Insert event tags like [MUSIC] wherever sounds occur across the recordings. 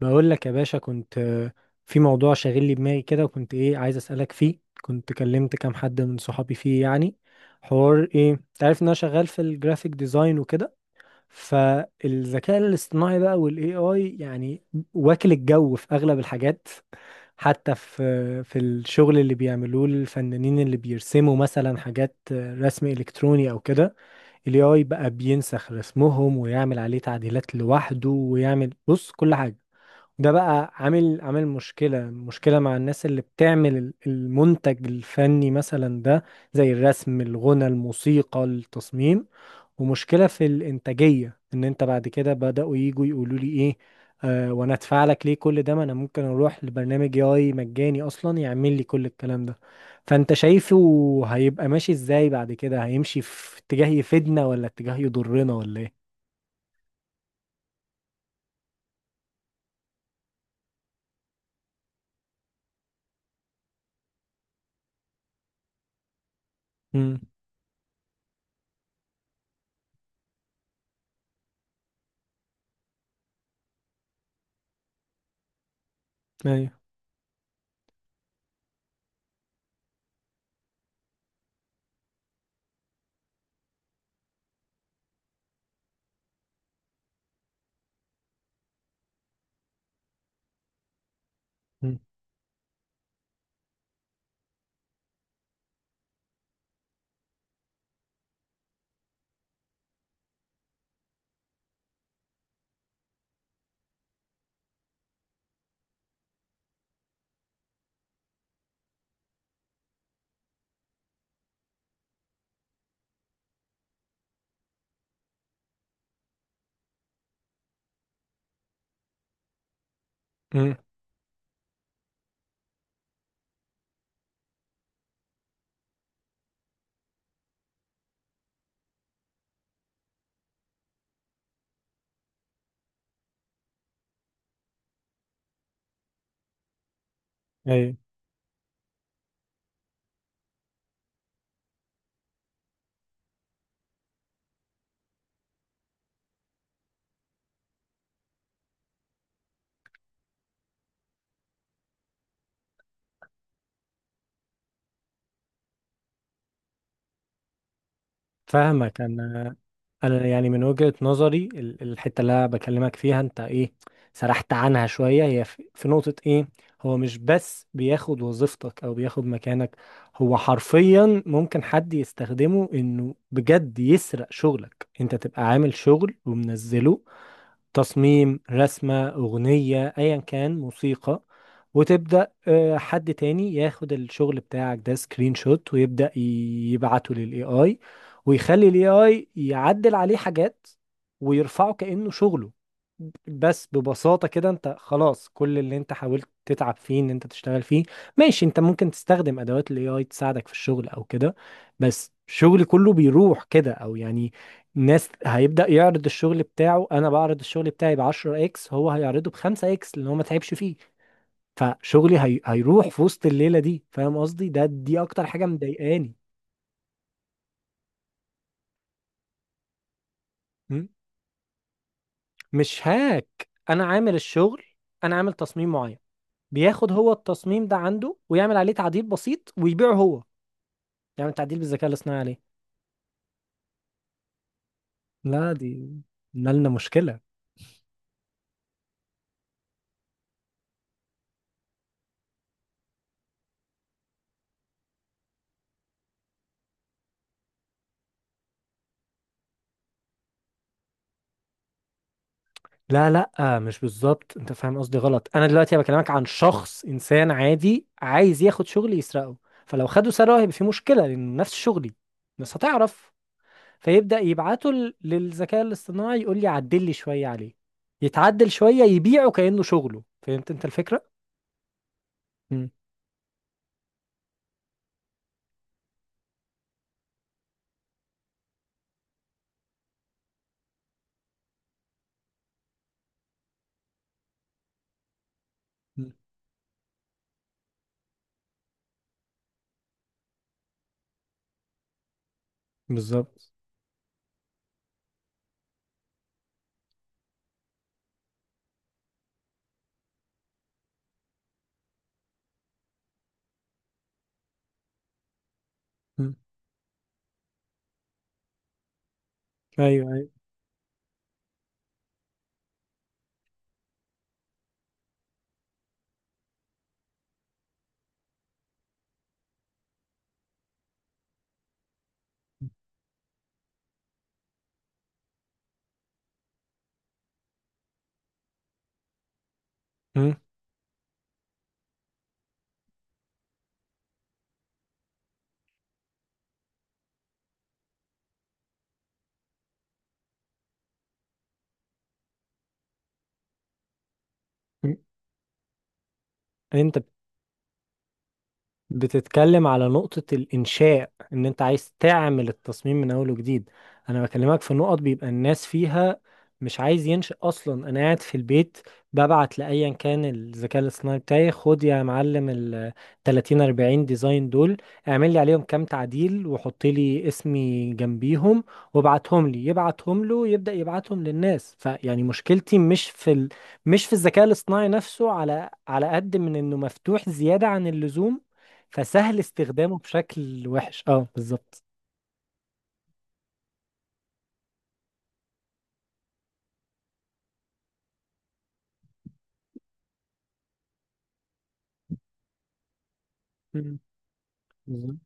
بقول لك يا باشا، كنت في موضوع شاغل لي دماغي كده، وكنت ايه عايز اسالك فيه. كنت كلمت كام حد من صحابي فيه، يعني حوار ايه. انت عارف ان انا شغال في الجرافيك ديزاين وكده، فالذكاء الاصطناعي بقى والاي اي يعني واكل الجو في اغلب الحاجات. حتى في الشغل اللي بيعملوه الفنانين اللي بيرسموا مثلا حاجات، رسم الكتروني او كده، الاي اي بقى بينسخ رسمهم ويعمل عليه تعديلات لوحده ويعمل بص كل حاجة. ده بقى عامل مشكلة مع الناس اللي بتعمل المنتج الفني مثلا ده، زي الرسم الغنى الموسيقى التصميم. ومشكلة في الإنتاجية إن أنت بعد كده بدأوا يجوا يقولوا لي إيه، آه وأنا أدفع لك ليه كل ده، ما أنا ممكن أروح لبرنامج AI مجاني أصلا يعمل لي كل الكلام ده. فأنت شايفه هيبقى ماشي إزاي بعد كده؟ هيمشي في اتجاه يفيدنا ولا اتجاه يضرنا ولا إيه؟ امم أيوه. امم أيوه. فاهمك انا. انا يعني من وجهة نظري الحتة اللي انا بكلمك فيها انت ايه، سرحت عنها شوية. هي في نقطة ايه، هو مش بس بياخد وظيفتك او بياخد مكانك، هو حرفيا ممكن حد يستخدمه انه بجد يسرق شغلك. انت تبقى عامل شغل ومنزله، تصميم، رسمة، أغنية، أيا كان، موسيقى، وتبدأ حد تاني ياخد الشغل بتاعك ده سكرين شوت ويبدأ يبعته للاي اي، ويخلي الاي اي يعدل عليه حاجات ويرفعه كأنه شغله. بس ببساطة كده انت خلاص، كل اللي انت حاولت تتعب فيه ان انت تشتغل فيه. ماشي، انت ممكن تستخدم ادوات الاي اي تساعدك في الشغل او كده، بس شغلي كله بيروح كده، او يعني، ناس هيبدأ يعرض الشغل بتاعه، انا بعرض الشغل بتاعي ب 10 اكس، هو هيعرضه ب 5 اكس لان هو ما تعبش فيه. فشغلي هيروح في وسط الليلة دي. فاهم قصدي؟ ده دي اكتر حاجة مضايقاني. م? مش هاك انا عامل الشغل، انا عامل تصميم معين، بياخد هو التصميم ده عنده ويعمل عليه تعديل بسيط ويبيعه هو. يعمل تعديل بالذكاء الاصطناعي عليه. لا، دي نالنا مشكلة. لا لا، مش بالظبط، انت فاهم قصدي غلط. انا دلوقتي بكلمك عن شخص انسان عادي عايز ياخد شغل يسرقه. فلو خده سرقه هيبقى في مشكله، لان نفس شغلي الناس هتعرف. فيبدا يبعته للذكاء الاصطناعي، يقول لي عدل لي شويه عليه، يتعدل شويه يبيعه كانه شغله. فهمت انت الفكره؟ مم. مم. بالظبط. مم. ايوه، ايوه. مم. مم. انت بتتكلم على نقطة الإنشاء، إن أنت عايز تعمل التصميم من أول وجديد. أنا بكلمك في نقط بيبقى الناس فيها مش عايز ينشأ أصلا. أنا قاعد في البيت، ببعت لأيا كان الذكاء الاصطناعي بتاعي، خد يا معلم ال 30 40 ديزاين دول، اعمل لي عليهم كام تعديل وحط لي اسمي جنبيهم، وابعتهم لي. يبعتهم له يبدأ يبعتهم للناس، فيعني مشكلتي مش في مش في الذكاء الاصطناعي نفسه، على قد من إنه مفتوح زيادة عن اللزوم، فسهل استخدامه بشكل وحش. اه، بالظبط. مم. بالظبط.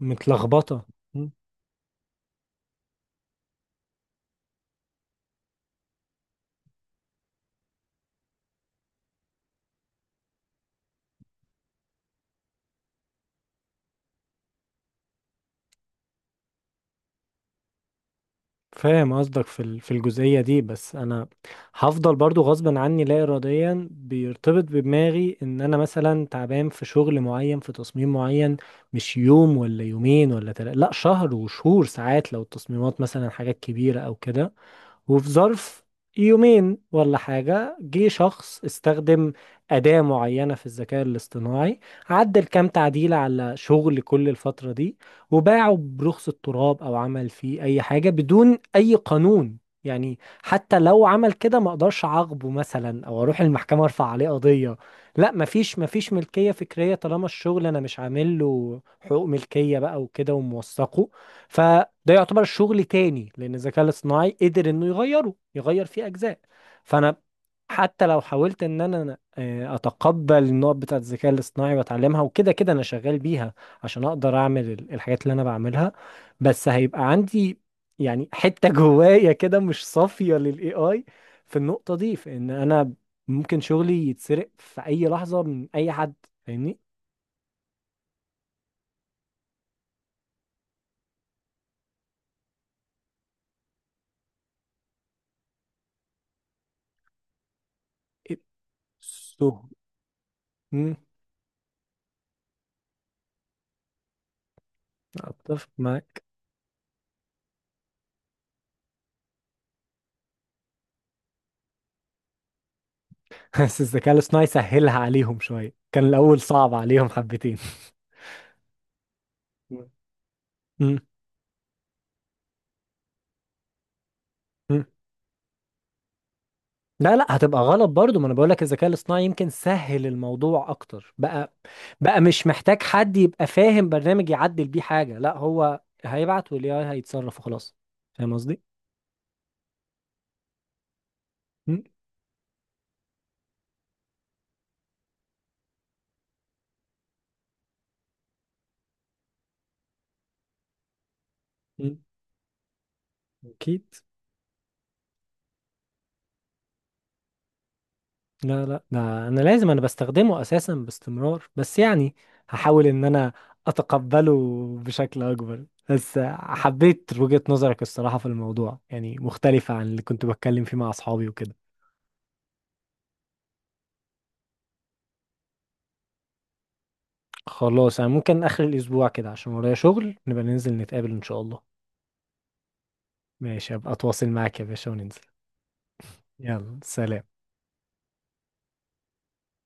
متلخبطة. مم. فاهم قصدك في في الجزئية دي، بس أنا هفضل برضو غصبا عني لا إراديا بيرتبط بدماغي إن أنا مثلا تعبان في شغل معين، في تصميم معين، مش يوم ولا يومين ولا تلاتة، لا، شهر وشهور ساعات لو التصميمات مثلا حاجات كبيرة أو كده، وفي ظرف يومين ولا حاجة جه شخص استخدم أداة معينة في الذكاء الاصطناعي، عدل كام تعديل على شغل كل الفترة دي، وباعه برخص التراب أو عمل فيه أي حاجة بدون أي قانون. يعني حتى لو عمل كده ما اقدرش اعاقبه مثلا او اروح المحكمة ارفع عليه قضية. لا، مفيش ملكية فكرية طالما الشغل انا مش عامل له حقوق ملكية بقى وكده وموثقه. فده يعتبر شغل تاني لان الذكاء الاصطناعي قدر انه يغيره، يغير فيه اجزاء. فانا حتى لو حاولت ان انا اتقبل النقط بتاعت الذكاء الاصطناعي واتعلمها وكده، كده انا شغال بيها عشان اقدر اعمل الحاجات اللي انا بعملها، بس هيبقى عندي يعني حتة [LAUGHS] جوايا كده مش صافية للاي اي في النقطة دي، في ان انا ممكن شغلي يتسرق في اي لحظة من اي حد. فاهمني؟ سو مم، اتفق معاك، بس الذكاء الاصطناعي سهلها عليهم شوية، كان الأول صعب عليهم حبتين. [LAUGHS] مم. مم. مم. لا لا، هتبقى غلط برضو. ما انا بقول لك الذكاء الاصطناعي يمكن سهل الموضوع اكتر بقى مش محتاج حد يبقى فاهم برنامج يعدل بيه حاجة، لا، هو هيبعت والاي اي هيتصرف وخلاص. فاهم قصدي؟ مم. مم. اكيد، لا لا، ده انا لازم انا بستخدمه اساسا باستمرار، بس يعني هحاول ان انا اتقبله بشكل اكبر. بس حبيت وجهة نظرك، الصراحة في الموضوع يعني مختلفة عن اللي كنت بتكلم فيه مع اصحابي وكده. خلاص، انا ممكن اخر الاسبوع كده عشان ورايا شغل، نبقى ننزل نتقابل ان شاء الله. ماشي، هبقى اتواصل معاك يا باشا وننزل. يلا، سلام.